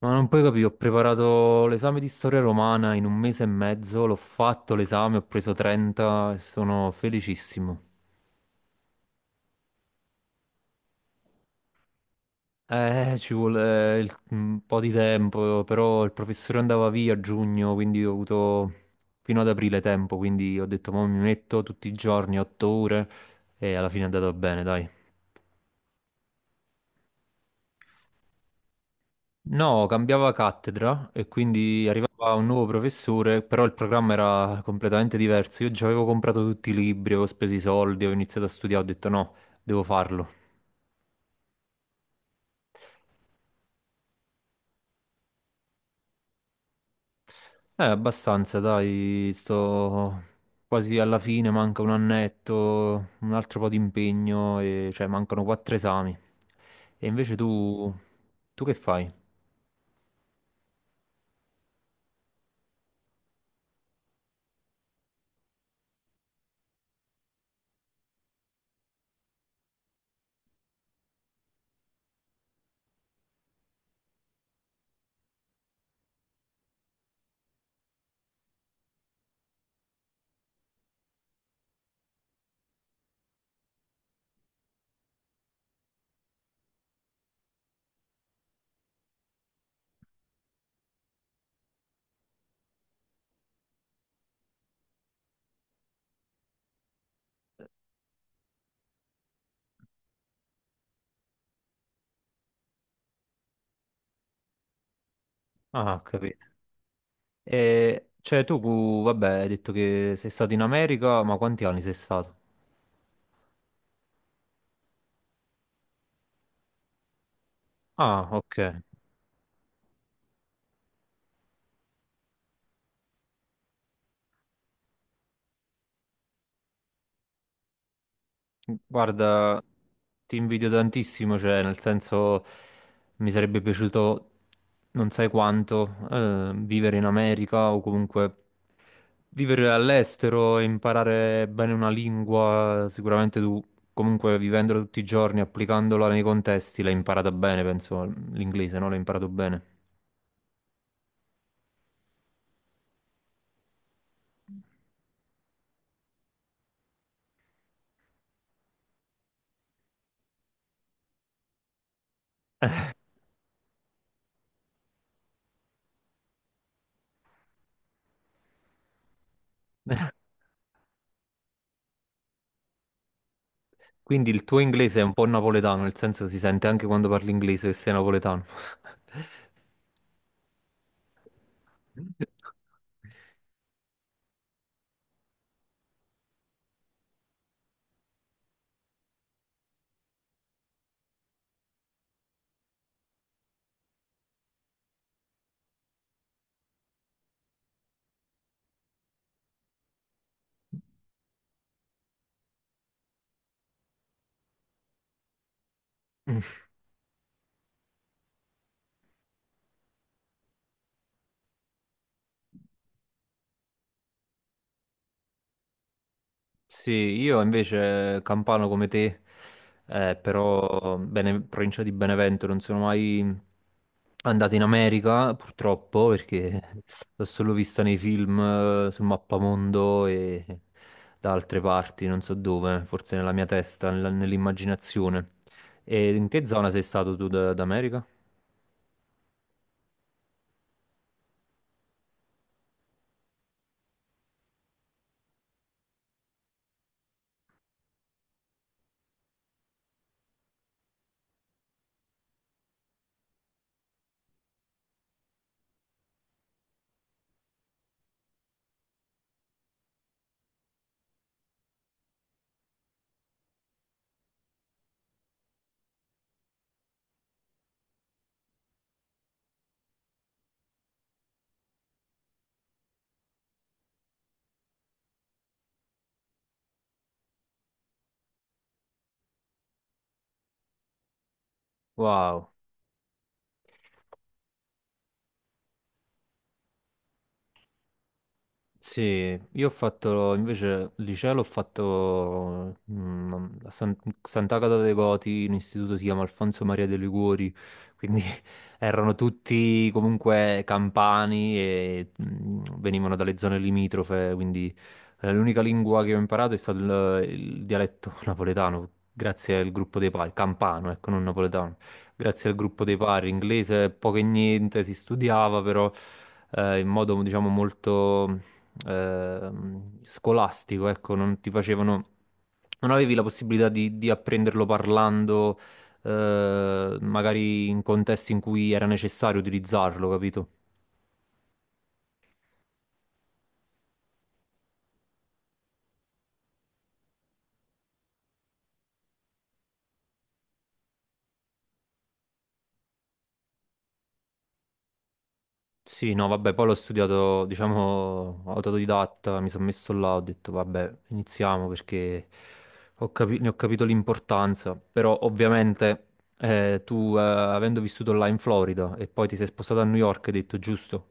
Ma non puoi capire, ho preparato l'esame di storia romana in un mese e mezzo, l'ho fatto l'esame, ho preso 30 e sono felicissimo. Ci vuole un po' di tempo, però il professore andava via a giugno, quindi ho avuto fino ad aprile tempo, quindi ho detto, ma mi metto tutti i giorni, 8 ore, e alla fine è andato bene, dai. No, cambiava cattedra e quindi arrivava un nuovo professore, però il programma era completamente diverso. Io già avevo comprato tutti i libri, avevo speso i soldi, avevo iniziato a studiare, ho detto no, devo farlo. Abbastanza, dai, sto quasi alla fine, manca un annetto, un altro po' di impegno, e cioè mancano quattro esami. E invece tu, tu che fai? Ah, ho capito. E, cioè tu, vabbè, hai detto che sei stato in America, ma quanti anni sei stato? Ah, ok. Guarda, ti invidio tantissimo, cioè, nel senso, mi sarebbe piaciuto non sai quanto vivere in America o comunque vivere all'estero e imparare bene una lingua. Sicuramente tu, comunque, vivendola tutti i giorni, applicandola nei contesti, l'hai imparata bene, penso, l'inglese, no? L'hai imparato bene. Quindi il tuo inglese è un po' napoletano, nel senso si sente anche quando parli inglese che sei napoletano. Sì, io invece campano come te, però bene, provincia di Benevento, non sono mai andato in America, purtroppo, perché l'ho solo vista nei film, sul mappamondo e da altre parti, non so dove, forse nella mia testa, nell'immaginazione. E in che zona sei stato tu d'America? Wow. Sì, io ho fatto invece il liceo l'ho fatto a Sant'Agata dei Goti, un istituto si chiama Alfonso Maria de Liguori, quindi erano tutti comunque campani e venivano dalle zone limitrofe, quindi l'unica lingua che ho imparato è stato il dialetto napoletano, grazie al gruppo dei pari, campano, ecco, non napoletano, grazie al gruppo dei pari, inglese poco e niente si studiava però in modo diciamo molto scolastico, ecco, non ti facevano, non avevi la possibilità di apprenderlo parlando, magari in contesti in cui era necessario utilizzarlo, capito? Sì, no, vabbè, poi l'ho studiato, diciamo, autodidatta, mi sono messo là, ho detto, vabbè, iniziamo perché ne ho capito l'importanza, però ovviamente avendo vissuto là in Florida e poi ti sei spostato a New York, hai detto, giusto?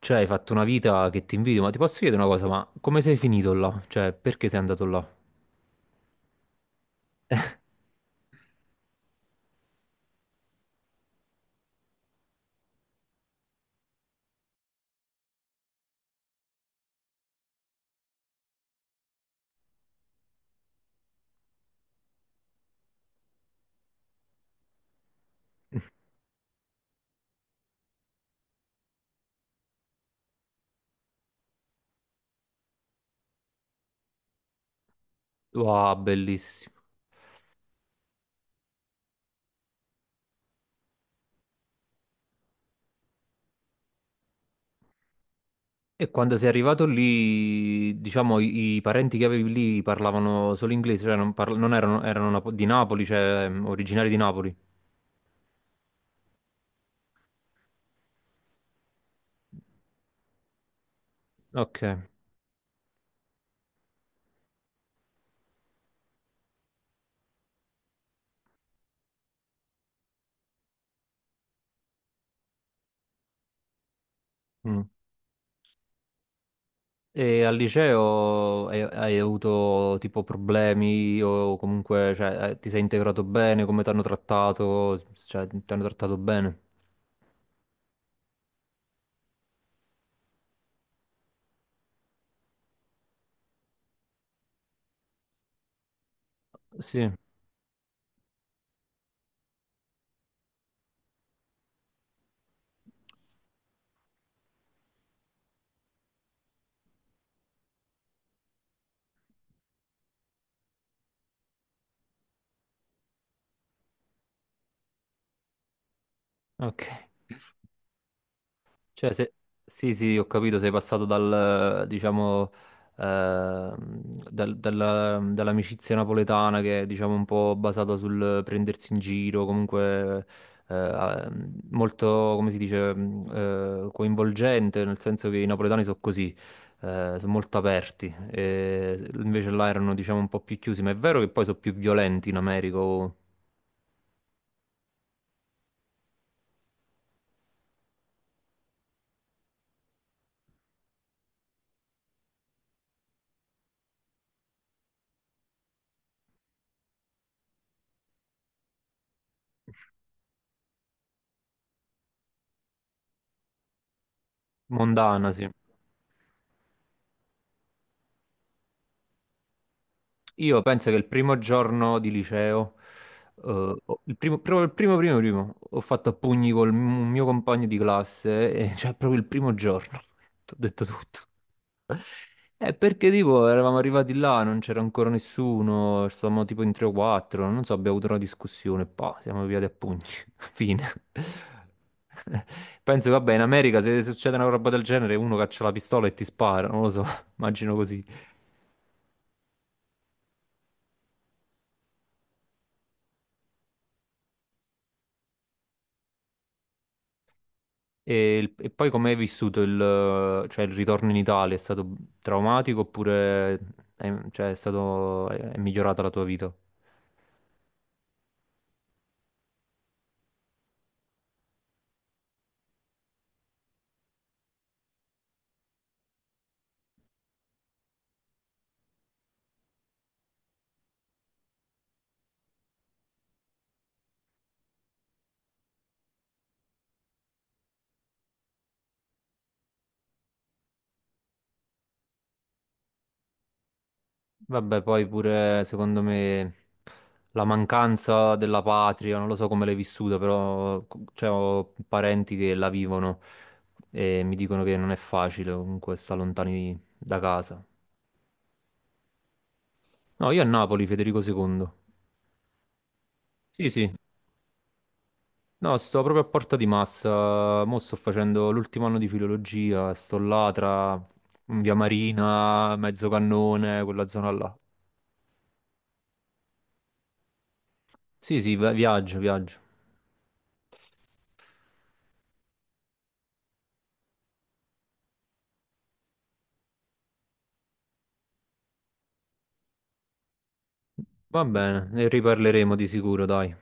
Cioè, hai fatto una vita che ti invidio, ma ti posso chiedere una cosa, ma come sei finito là? Cioè, perché sei andato là? Wow, bellissimo. E quando sei arrivato lì, diciamo, i parenti che avevi lì parlavano solo inglese, cioè non, non erano, di Napoli, cioè originari di Napoli. Ok. Mm. E al liceo hai avuto tipo problemi o comunque, cioè, ti sei integrato bene, come ti hanno trattato, cioè, ti hanno trattato bene? Sì, ok. Cioè, se sì, sì, ho capito, sei passato dal, diciamo, ehm, dall'amicizia napoletana che è, diciamo, un po' basata sul prendersi in giro, comunque eh, molto, come si dice, coinvolgente, nel senso che i napoletani sono così, sono molto aperti, e invece là erano, diciamo, un po' più chiusi, ma è vero che poi sono più violenti in America, o mondana, sì. Io penso che il primo giorno di liceo, il primo, proprio il primo, ho fatto a pugni col mio compagno di classe, e, cioè proprio il primo giorno, ti ho detto tutto. Perché tipo eravamo arrivati là, non c'era ancora nessuno, stavamo tipo in 3 o 4, non so, abbiamo avuto una discussione, pa, siamo via a pugni, fine. Penso, vabbè, in America se succede una roba del genere uno caccia la pistola e ti spara, non lo so, immagino così. E, e poi come hai vissuto il, cioè, il ritorno in Italia? È stato traumatico oppure è, cioè, è stato, è migliorata la tua vita? Vabbè, poi pure secondo me la mancanza della patria, non lo so come l'hai vissuta, però cioè, ho parenti che la vivono e mi dicono che non è facile comunque stare lontani da casa. No, io a Napoli, Federico II. Sì, sì. No, sto proprio a Porta di Massa. Mo' sto facendo l'ultimo anno di filologia. Sto là tra Via Marina, Mezzocannone, quella zona là. Sì, sì, viaggio, viaggio. Va bene, ne riparleremo di sicuro, dai.